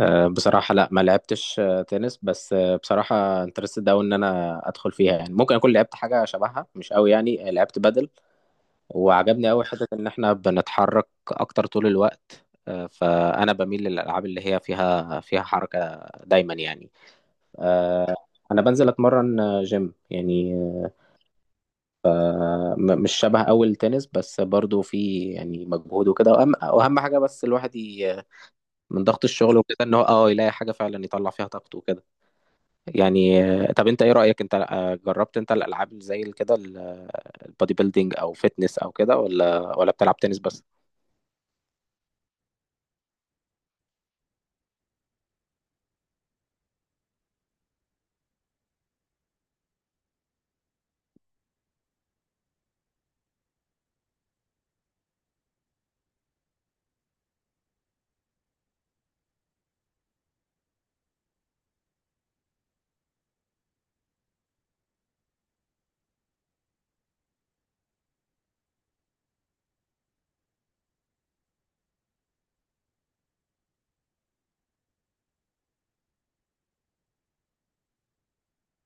بصراحة، لا، ما لعبتش تنس. بس بصراحة انترستد أوي إن أنا أدخل فيها. يعني ممكن أكون لعبت حاجة شبهها، مش أوي يعني. لعبت بدل. وعجبني أوي حتة إن إحنا بنتحرك أكتر طول الوقت. فأنا بميل للألعاب اللي هي فيها حركة دايما يعني. أنا بنزل أتمرن جيم يعني. مش شبه أوي التنس، بس برضو في يعني مجهود وكده. وأهم وأهم حاجة بس الواحد من ضغط الشغل وكده، إن هو يلاقي حاجة فعلا يطلع فيها طاقته وكده يعني. طب انت ايه رأيك؟ انت جربت انت الالعاب اللي زي كده، البودي بيلدينج او فيتنس او كده، ولا بتلعب تنس بس؟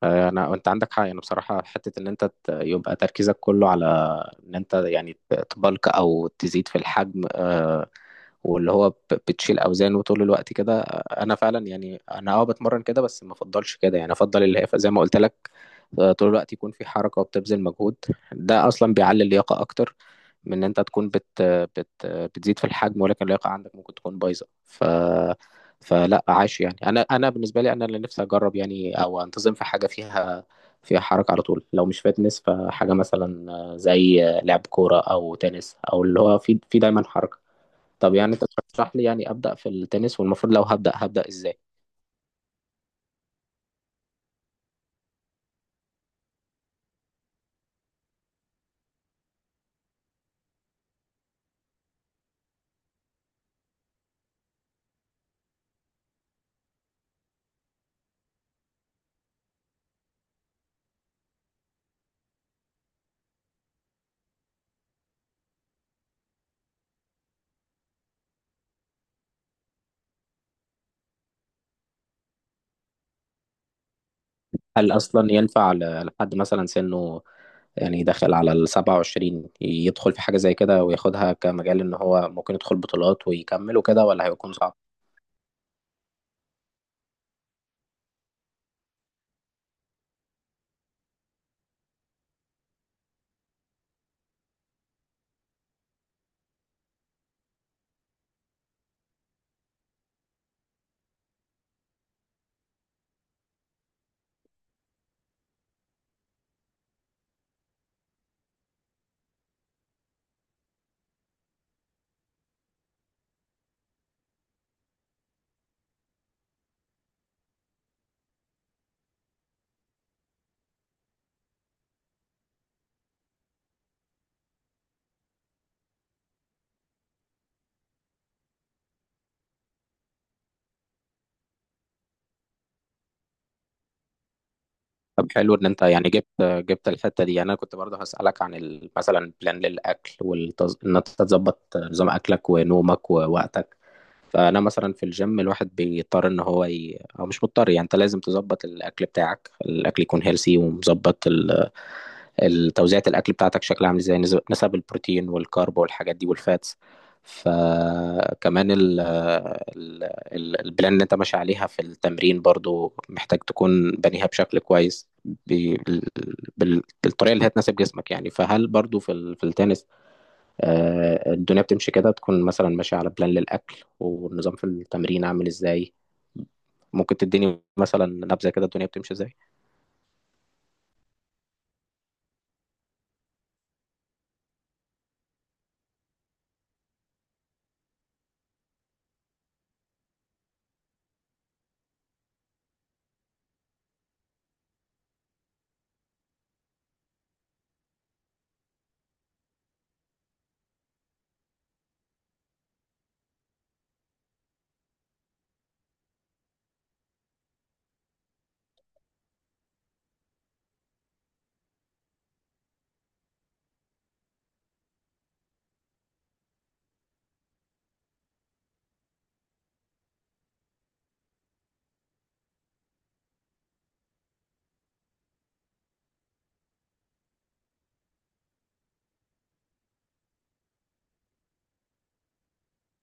انا، انت عندك حق. يعني بصراحة حتة ان انت يبقى تركيزك كله على ان انت يعني تبلك او تزيد في الحجم، واللي هو بتشيل اوزان وطول الوقت كده. انا فعلا يعني، انا بتمرن كده، بس ما افضلش كده يعني. افضل اللي هي زي ما قلت لك، طول الوقت يكون في حركه وبتبذل مجهود. ده اصلا بيعلي اللياقه اكتر من ان انت تكون بت بت بتزيد في الحجم، ولكن اللياقه عندك ممكن تكون بايظه. ف فلا عاش يعني. انا بالنسبه لي، انا اللي نفسي اجرب يعني، او انتظم في حاجه فيها حركه على طول. لو مش فيتنس، فحاجه مثلا زي لعب كوره او تنس، او اللي هو في دايما حركه. طب يعني انت ترشح لي يعني ابدا في التنس؟ والمفروض لو هبدا ازاي؟ هل اصلا ينفع لحد مثلا سنه يعني داخل على ال 27، يدخل في حاجه زي كده وياخدها كمجال، ان هو ممكن يدخل بطولات ويكمل وكده، ولا هيكون صعب؟ طب حلو ان انت يعني جبت الحته دي. يعني انا كنت برضه هسالك عن مثلا بلان للاكل ان انت تظبط نظام اكلك ونومك ووقتك. فانا مثلا في الجيم، الواحد بيضطر ان هو او مش مضطر. يعني انت لازم تظبط الاكل بتاعك، الاكل يكون هيلسي ومظبط، توزيعة الأكل بتاعتك شكلها عامل ازاي، نسب البروتين والكارب والحاجات دي والفاتس. فكمان البلان اللي انت ماشي عليها في التمرين، برضو محتاج تكون بنيها بشكل كويس، بال- بالطريقة اللي هتناسب جسمك يعني. فهل برضو في في التنس الدنيا بتمشي كده؟ تكون مثلا ماشي على بلان للأكل، والنظام في التمرين عامل ازاي؟ ممكن تديني مثلا نبذة كده الدنيا بتمشي ازاي؟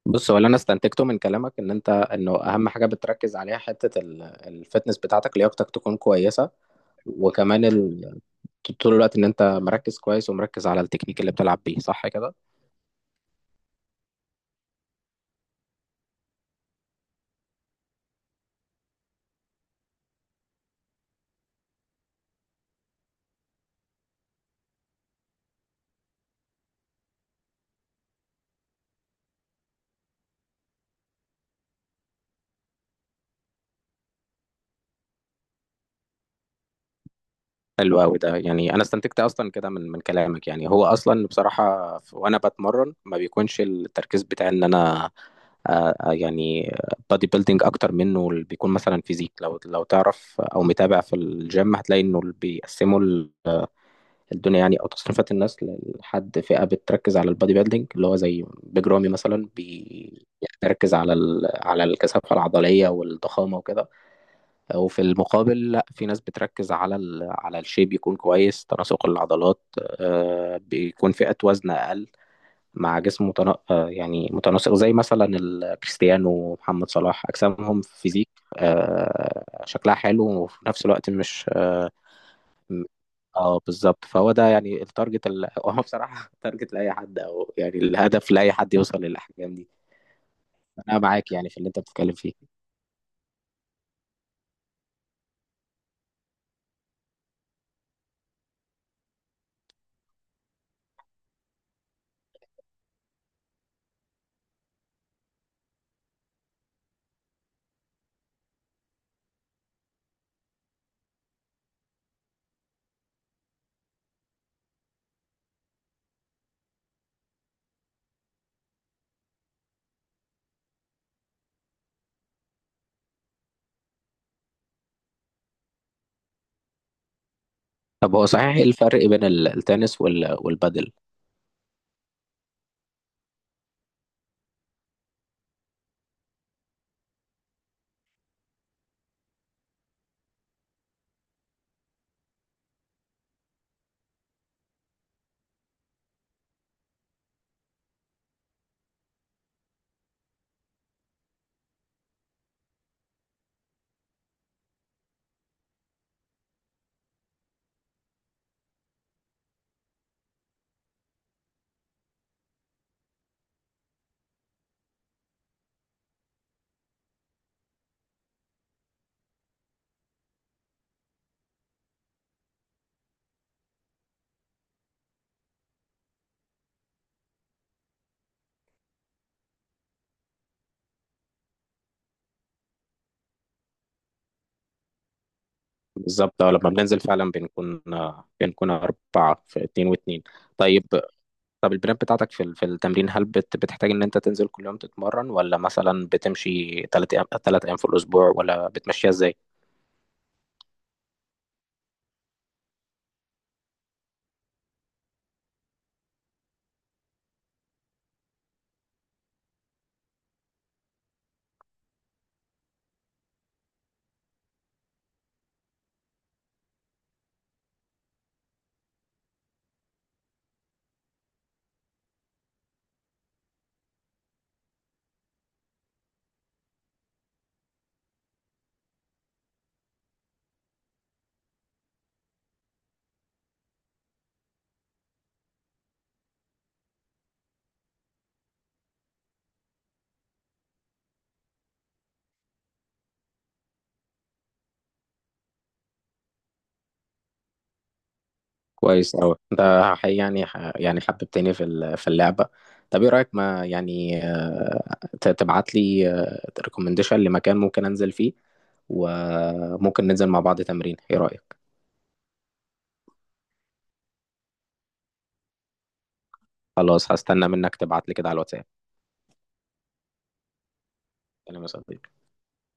بص، هو اللي انا استنتجته من كلامك، ان انت، انه اهم حاجه بتركز عليها، حته الفتنس بتاعتك، لياقتك تكون كويسه. وكمان طول الوقت ان انت مركز كويس، ومركز على التكنيك اللي بتلعب بيه. صح كده؟ حلو قوي ده. يعني انا استنتجت اصلا كده من كلامك. يعني هو اصلا بصراحه، وانا بتمرن ما بيكونش التركيز بتاعي ان انا يعني بادي بيلدينج، اكتر منه اللي بيكون مثلا فيزيك. لو تعرف او متابع في الجيم، هتلاقي انه اللي بيقسموا الدنيا يعني، او تصنيفات الناس لحد، فئه بتركز على البادي بيلدينج، اللي هو زي بيج رامي مثلا، يعني بيركز على على الكثافه العضليه والضخامه وكده. وفي المقابل، لا، في ناس بتركز على على الشيب، يكون كويس تناسق العضلات. آه، بيكون فئه وزن اقل مع جسم آه، يعني متناسق، زي مثلا كريستيانو ومحمد صلاح، اجسامهم فيزيك شكلها حلو وفي نفس الوقت مش. م. اه، بالظبط. فهو ده يعني التارجت هو بصراحة تارجت لأي حد، أو يعني الهدف لأي حد يوصل للأحجام دي. أنا معاك يعني في اللي أنت بتتكلم فيه. طب هو صحيح، إيه الفرق بين التنس والبادل؟ بالظبط. اه، لما بننزل فعلا بنكون أربعة، في اتنين واتنين. طيب. طب البلان بتاعتك في في التمرين، هل بتحتاج إن أنت تنزل كل يوم تتمرن، ولا مثلا بتمشي تلات أيام، تلات أيام في الأسبوع، ولا بتمشيها إزاي؟ كويس أوي أنت. حقيقي يعني يعني حببتني في في اللعبة. طب إيه رأيك، ما يعني تبعت لي ريكومنديشن لمكان ممكن أنزل فيه، وممكن ننزل مع بعض تمرين؟ إيه رأيك؟ خلاص. هستنى منك تبعت لي كده على الواتساب. سلام يا صديقي.